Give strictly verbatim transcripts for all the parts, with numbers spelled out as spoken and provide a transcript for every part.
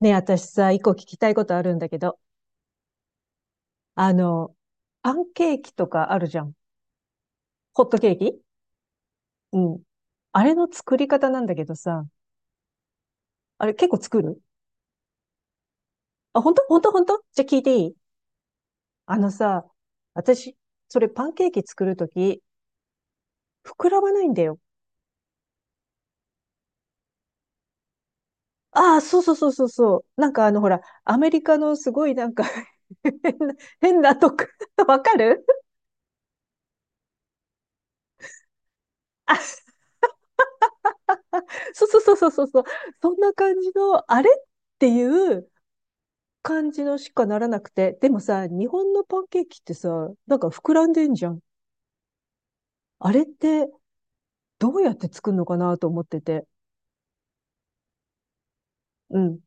ねえ、私さ、一個聞きたいことあるんだけど、あの、パンケーキとかあるじゃん。ホットケーキ。うん。あれの作り方なんだけどさ、あれ結構作る？あ、本当本当本当。じゃあ聞いていい？あのさ、私、それパンケーキ作るとき、膨らまないんだよ。ああ、そうそうそうそうそう。なんかあの、ほら、アメリカのすごいなんか 変な、変なとこ わかる？あ、そうそうそうそうそうそう。そんな感じの、あれっていう、感じのしかならなくて、でもさ、日本のパンケーキってさ、なんか膨らんでんじゃん。あれってどうやって作るのかなと思ってて。うん。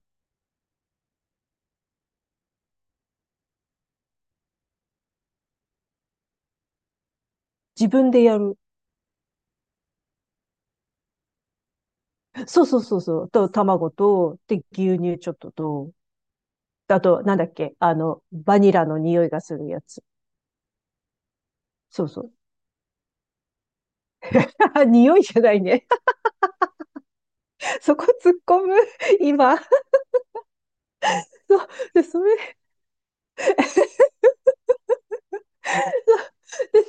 自分でやる。そうそうそうそう。と、卵と、で、牛乳ちょっとと、あと、なんだっけ、あの、バニラの匂いがするやつ。そうそう。匂いじゃないね。そこ突っ込む、今。そう。で、それ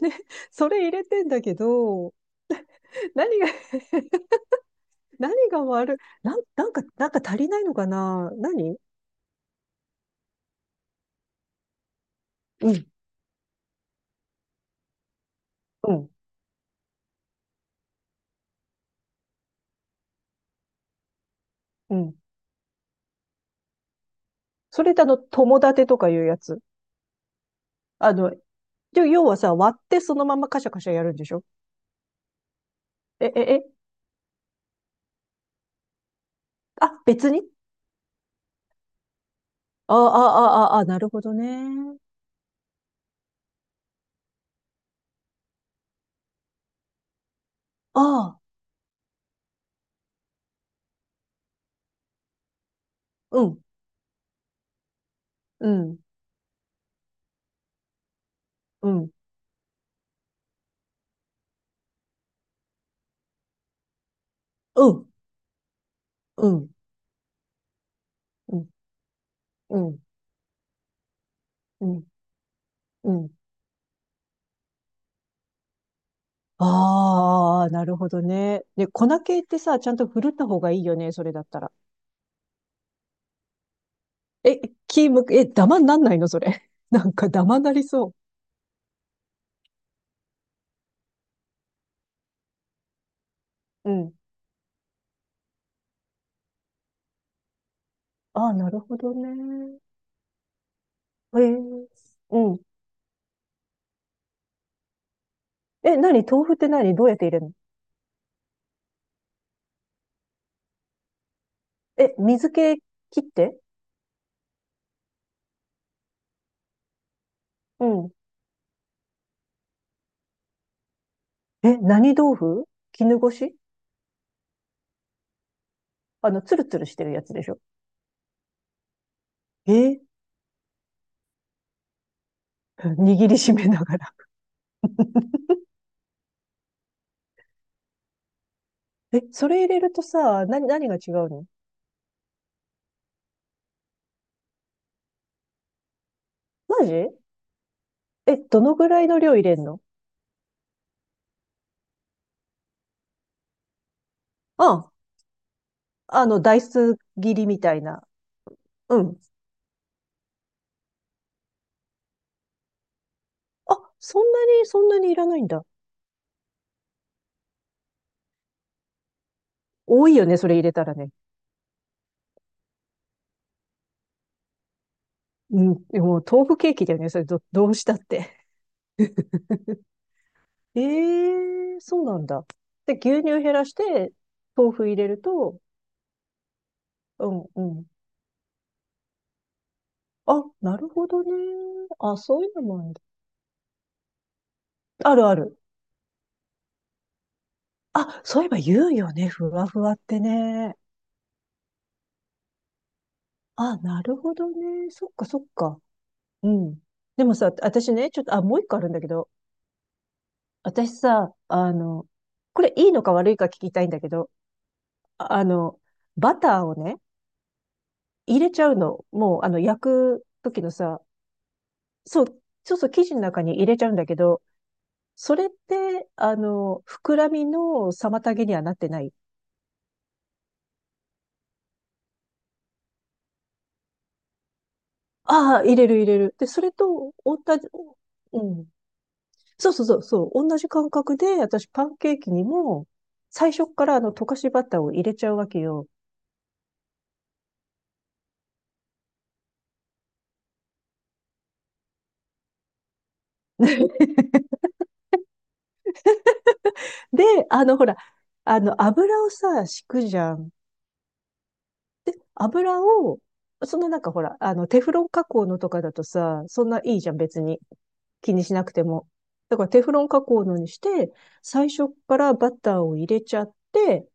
でね、それ入れてんだけど、何が、何が悪い、なん、なんか、なんか足りないのかな、何？うん、うん、うん。それだあの、友達とかいうやつ。あの、で要はさ、割ってそのままカシャカシャやるんでしょ？え、え、え、あ、別に。ああ、ああ、ああ、なるほどね。ああ、うん、うん、うん、うん、うん、うん、うん、うん、うん。ああ、なるほどね。で、粉系ってさ、ちゃんと振るった方がいいよね、それだったら。え、キーム、え、ダマになんないの、それ？なんかダマなりそう。うん。ああ、なるほどね。ええ、うん。え、何、豆腐って？何どうやって入れるの？え、水気切って？うん。え、何豆腐、絹ごし？あの、ツルツルしてるやつでしょ？え、握りしめながら？え、それ入れるとさ、な、何が違うの？マジ？え、どのぐらいの量入れんの？あ、あの、ダイス切りみたいな。うん。あ、そんなに、そんなにいらないんだ。多いよね、それ入れたらね。うん。もう豆腐ケーキだよね、それど、どうしたって。ええ、そうなんだ。で、牛乳減らして、豆腐入れると、うん、うん。あ、なるほどね。あ、そういうのもある。あるある。あ、そういえば言うよね。ふわふわってね。あ、なるほどね。そっか、そっか。うん。でもさ、私ね、ちょっと、あ、もう一個あるんだけど、私さ、あの、これいいのか悪いか聞きたいんだけど、ああの、バターをね、入れちゃうの。もう、あの、焼く時のさ、そう、そうそう、生地の中に入れちゃうんだけど、それって、あの、膨らみの妨げにはなってない？ああ、入れる入れる。で、それと、同じ、うん。そうそうそう、そう、同じ感覚で、私パンケーキにも、最初っからあの、溶かしバターを入れちゃうわけよ。で、あの、ほら、あの、油をさ、敷くじゃん。油を、そのなんかほら、あの、テフロン加工のとかだとさ、そんないいじゃん、別に。気にしなくても。だからテフロン加工のにして、最初からバターを入れちゃって、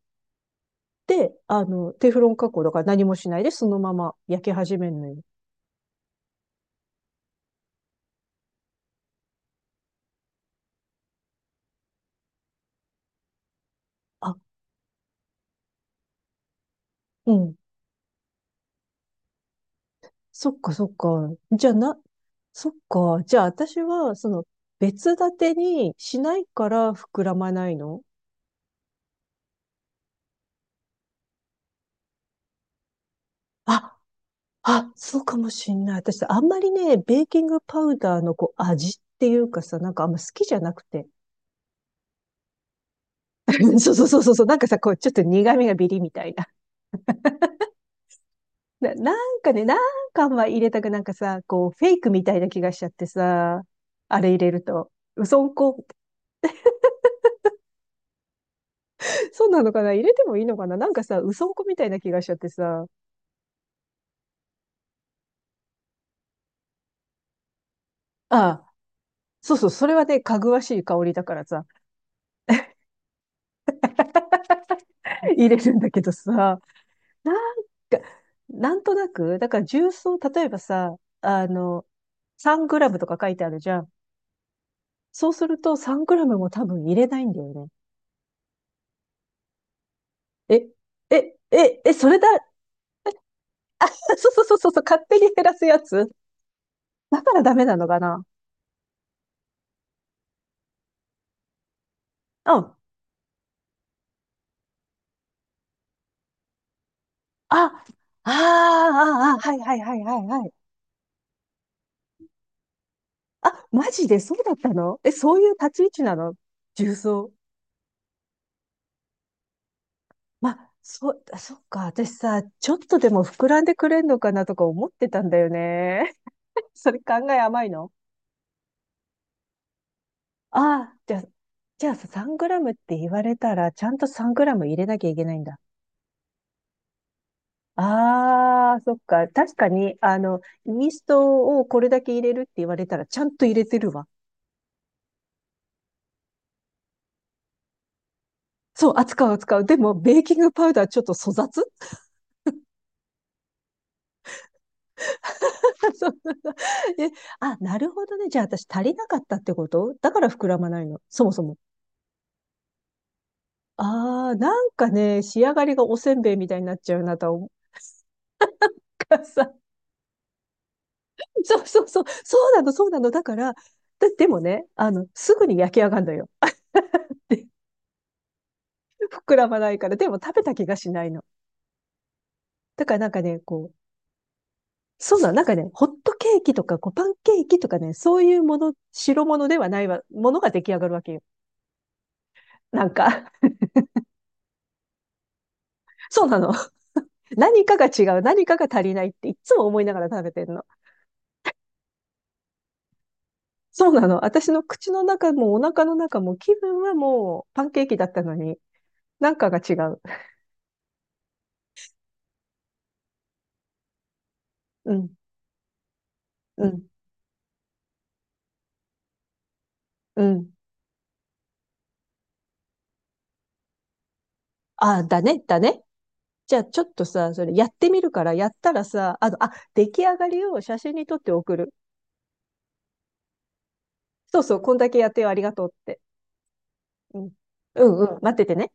で、あの、テフロン加工だから何もしないで、そのまま焼き始めるのよ。あ、うん。そっかそっか。じゃあな、そっか。じゃあ私は、その、別立てにしないから膨らまないの？あ、あ、そうかもしんない。私、あんまりね、ベーキングパウダーのこう味っていうかさ、なんかあんま好きじゃなくて。そうそうそうそうそう。なんかさ、こう、ちょっと苦味がビリみたいな。な、なんかね、なんかあんま入れたくなんかさ、こう、フェイクみたいな気がしちゃってさ、あれ入れると。うそんこ、そうなのかな？入れてもいいのかな？なんかさ、うそんこみたいな気がしちゃってさ。ああ、そうそう、それはね、かぐわしい香りだからさ、入れるんだけどさ。なんか、なんとなく、だから重曹、例えばさ、あの、さんグラムとか書いてあるじゃん。そうするとさんグラムも多分入れないんだよね。え、え、え、え、それだ。 そうそうそうそうそう、勝手に減らすやつ。だからダメなのかな？うん。あ、ああ、ああ、はいはいはいはいはい。あ、マジでそうだったの？え、そういう立ち位置なの、重曹？まあ、そう、あそっか。私さ、ちょっとでも膨らんでくれんのかなとか思ってたんだよね。それ考え甘いの？ああ、じゃあ、じゃあ、さ、さんグラムって言われたら、ちゃんとさんグラム入れなきゃいけないんだ。ああ、そっか。確かに、あの、イーストをこれだけ入れるって言われたら、ちゃんと入れてるわ。そう、扱う扱う。でも、ベーキングパウダーちょっと粗雑。 そなえあ、なるほどね。じゃあ私足りなかったってことだから膨らまないの。そもそも。ああ、なんかね、仕上がりがおせんべいみたいになっちゃうなと思うからさ。そうそうそう、そうなの、そうなの。だから、だでもね、あの、すぐに焼き上がるのよ。膨らまないから、でも食べた気がしないの。だからなんかね、こう、そうなの、なんかね、ホットケーキとか、こう、パンケーキとかね、そういうもの、白物ではないわ、ものが出来上がるわけよ。なんか、そうなの。何かが違う、何かが足りないっていつも思いながら食べてるの。そうなの。私の口の中もお腹の中も気分はもうパンケーキだったのに、なんかが違う。うん、うん、うん。ああ、だね、だね。じゃあ、ちょっとさ、それやってみるから、やったらさ、あの、あ、出来上がりを写真に撮って送る。そうそう、こんだけやってよ、ありがとうって。うん。うんうん、待っててね。